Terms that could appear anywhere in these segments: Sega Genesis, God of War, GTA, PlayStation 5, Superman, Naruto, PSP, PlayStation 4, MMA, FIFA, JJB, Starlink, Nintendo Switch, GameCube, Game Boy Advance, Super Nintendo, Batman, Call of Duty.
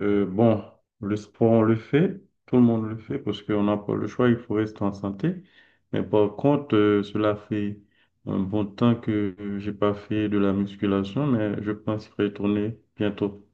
Bon, le sport, on le fait, tout le monde le fait parce qu'on n'a pas le choix, il faut rester en santé. Mais par contre, cela fait un bon temps que j'ai pas fait de la musculation, mais je pense retourner bientôt.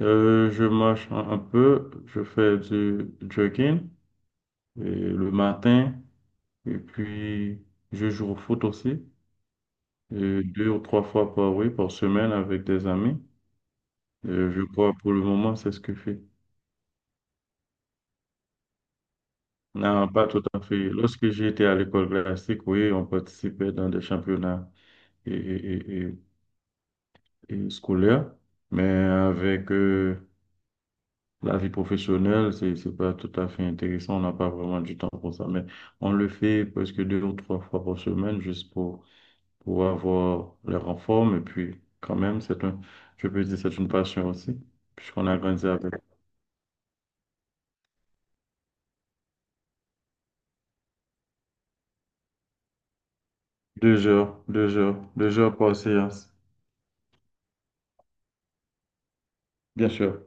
Je marche un peu, je fais du jogging euh, le matin et puis je joue au foot aussi, 2 ou 3 fois par, oui, par semaine avec des amis. Je crois pour le moment, c'est ce que je fais. Non, pas tout à fait. Lorsque j'étais à l'école classique, oui, on participait dans des championnats et, et- et- et scolaires, mais avec la vie professionnelle, c'est pas tout à fait intéressant. On n'a pas vraiment du temps pour ça, mais on le fait presque 2 ou 3 fois par semaine juste pour avoir les renforts. Et puis, quand même, c'est un, je peux dire, c'est une passion aussi, puisqu'on a grandi avec. 2 heures, 2 heures, 2 heures par séance, bien sûr.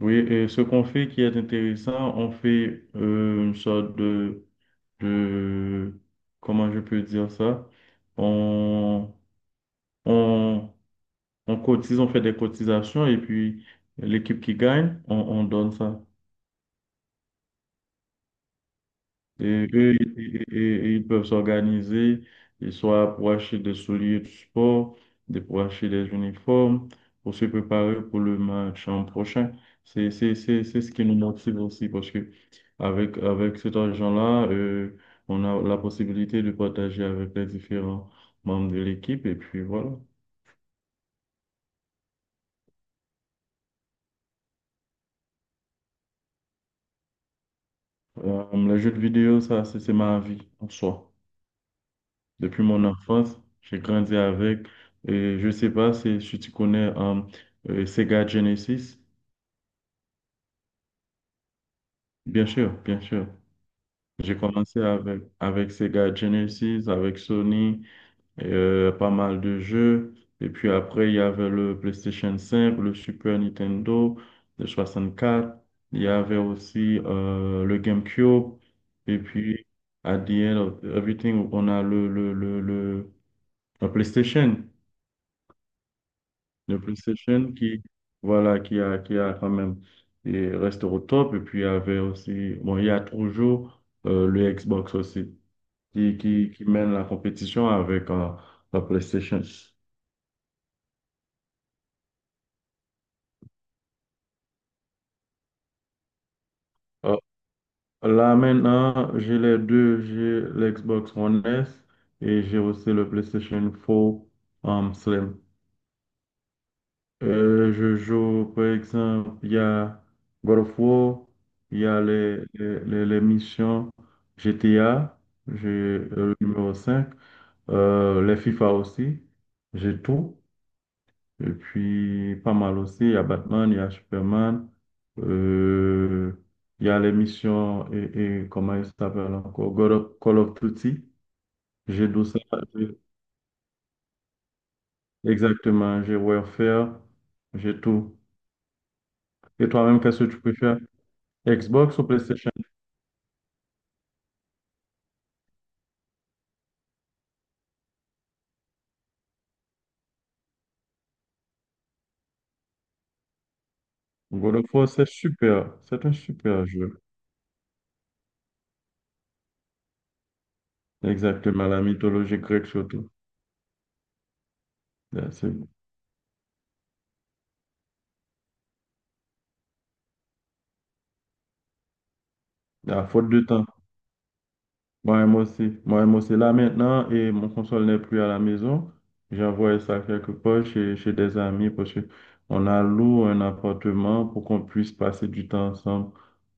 Oui, et ce qu'on fait qui est intéressant, on fait une sorte de, comment je peux dire ça? On, on, on cotise, on fait des cotisations et puis l'équipe qui gagne, on donne ça. Et eux, ils peuvent s'organiser, ils soit pour acheter des souliers de sport, pour acheter des uniformes, pour se préparer pour le match en prochain. C'est ce qui nous motive aussi parce que avec cet argent-là, on a la possibilité de partager avec les différents membres de l'équipe. Et puis voilà. Les jeux de vidéo, ça, c'est ma vie en soi. Depuis mon enfance, j'ai grandi avec, et je sais pas si tu connais Sega Genesis. Bien sûr, bien sûr. J'ai commencé avec Sega Genesis, avec Sony, pas mal de jeux. Et puis après, il y avait le PlayStation 5, le Super Nintendo, le 64. Il y avait aussi le GameCube. Et puis, à the end of everything, on a le PlayStation. Le PlayStation qui, voilà, qui a quand même, et reste au top. Et puis, il y avait aussi, bon, il y a toujours le Xbox aussi, qui mène la compétition avec la PlayStation. Euh, Là, maintenant, j'ai les deux, j'ai l'Xbox One S et j'ai aussi le PlayStation 4 Slim. Je joue, par exemple, il y a God of War, il y a les missions GTA, j'ai le numéro 5 les FIFA aussi, j'ai tout. Et puis, pas mal aussi, il y a Batman, il y a Superman, euh, il y a les missions, et comment il s'appelle encore, Call of Duty, j'ai tout ça. j'ai- Exactement, j'ai Warfare, j'ai tout. Et toi-même, qu'est-ce que tu préfères? Xbox ou PlayStation? God of War, c'est super. C'est un super jeu. Exactement, la mythologie grecque surtout. Là, c'est- À faute de temps. Moi-même aussi. Moi-même aussi. Là maintenant, et mon console n'est plus à la maison. J'ai envoyé ça quelque part chez des amis parce que on a loué un appartement pour qu'on puisse passer du temps ensemble.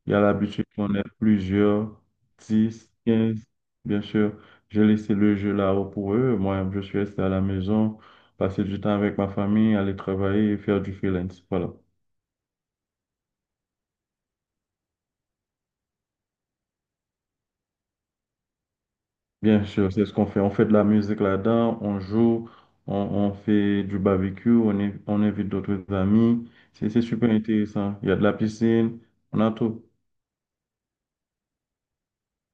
Il y a l'habitude qu'on ait plusieurs, 10, 15, bien sûr. J'ai laissé le jeu là-haut pour eux. Moi je suis resté à la maison, passer du temps avec ma famille, aller travailler et faire du freelance. Voilà. Bien sûr, c'est ce qu'on fait. On fait de la musique là-dedans, on joue, on fait du barbecue, on invite d'autres amis. C'est super intéressant. Il y a de la piscine, on a tout.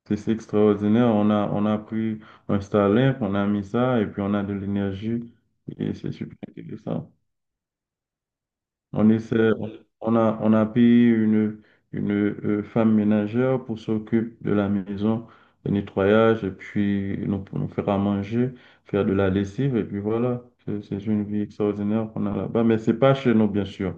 C'est extraordinaire. On a pris un Starlink, on a mis ça et puis on a de l'énergie et c'est super intéressant. On essaie, on a payé une femme ménagère pour s'occuper de la maison, le nettoyage, et puis nous faire à manger, faire de la lessive, et puis voilà. C'est une vie extraordinaire qu'on a là-bas. Mais c'est pas chez nous, bien sûr.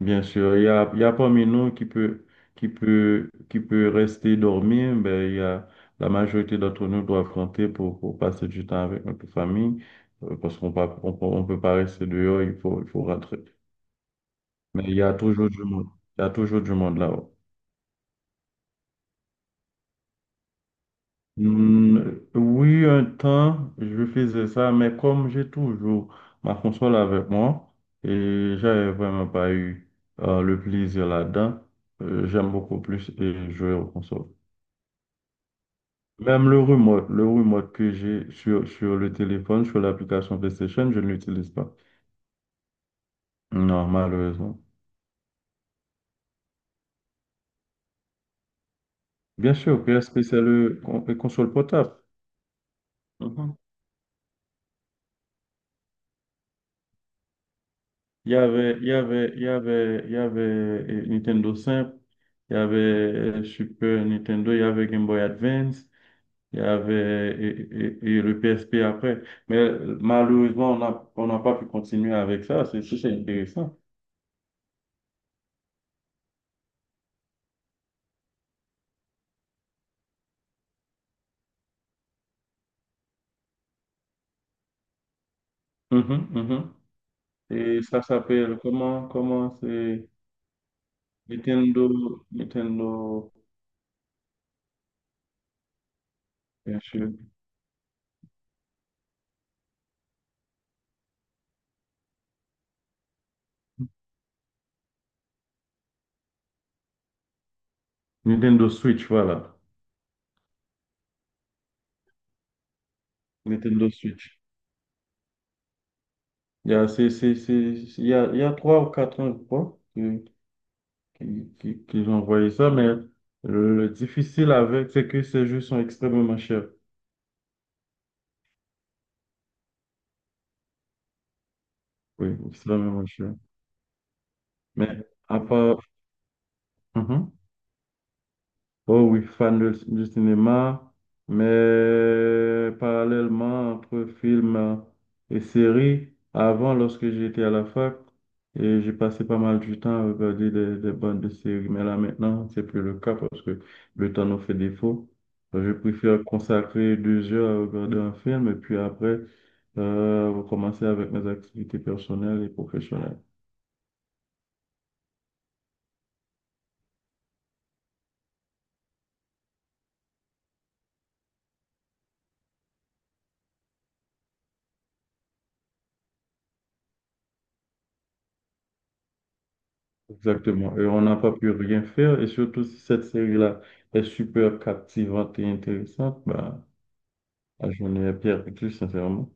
Bien sûr, il y a parmi nous qui peut rester dormir, ben, la majorité d'entre nous doivent affronter pour passer du temps avec notre famille, parce qu'on peut pas rester dehors, il faut rentrer. Mais il y a toujours du monde. Il y a toujours du monde là-haut. Hmm, oui, un temps, je faisais ça, mais comme j'ai toujours ma console avec moi et j'avais vraiment pas eu le plaisir là-dedans, j'aime beaucoup plus et jouer aux consoles. Même le remote que j'ai sur le téléphone, sur l'application PlayStation, je ne l'utilise pas. Non, malheureusement. Bien sûr, PSP, c'est le console portable. Mhm. Il y avait Nintendo simple, il y avait Super Nintendo, il y avait Game Boy Advance, il y avait le PSP après. Mais malheureusement, on n'a pas pu continuer avec ça. C'est intéressant. Mhm, mhm. Et ça s'appelle comment c'est Nintendo, Nintendo, bien sûr. Nintendo Switch, voilà. Nintendo Switch. Il y a 3 ou 4 ans, je crois. Qui ont envoyé ça, mais le difficile avec, c'est que ces jeux sont extrêmement chers. Oui, extrêmement chers. Mais à part... Mhm. Oh oui, fan du cinéma, mais parallèlement entre films et séries, avant, lorsque j'étais à la fac, et j'ai passé pas mal du temps à regarder des bandes de séries, mais là maintenant, c'est plus le cas parce que le temps nous fait défaut. Je préfère consacrer 2 heures à regarder un film et puis après, recommencer avec mes activités personnelles et professionnelles. Exactement. Et on n'a pas pu rien faire. Et surtout, si cette série-là est super captivante et intéressante, bah, la journée est perdue, sincèrement.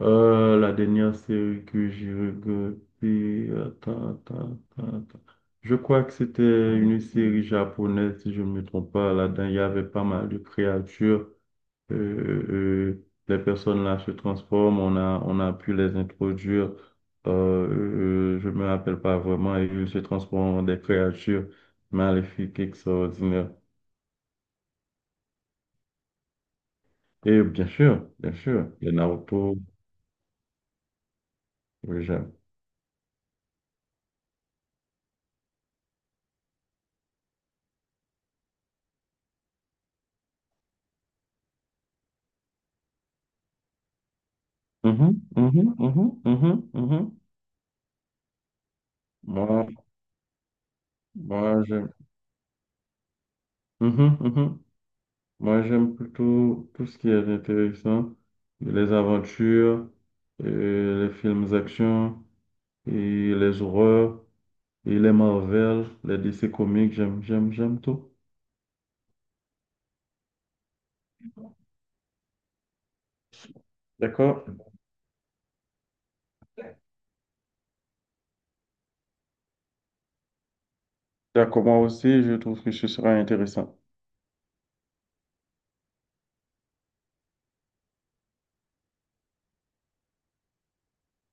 La dernière série que j'ai regardée, attends, attends, attends, attends. Je crois que c'était une série japonaise, si je ne me trompe pas. Là-dedans, il y avait pas mal de créatures. Les personnes là se transforment, on a pu les introduire, euh, euh, je me rappelle pas vraiment, et ils se transforment en des créatures maléfiques, extraordinaires. Et bien sûr, les Naruto, oui, j'aime. Mhm, mhm, mhm, mhm, mhm. Moi, moi j'aime. Mhm, mhm. Moi, j'aime plutôt tout ce qui est intéressant, les aventures, les films d'action et les horreurs. Et les Marvel, les DC Comics, j'aime, j'aime, j'aime tout. D'accord? D'accord, moi aussi, je trouve que ce sera intéressant.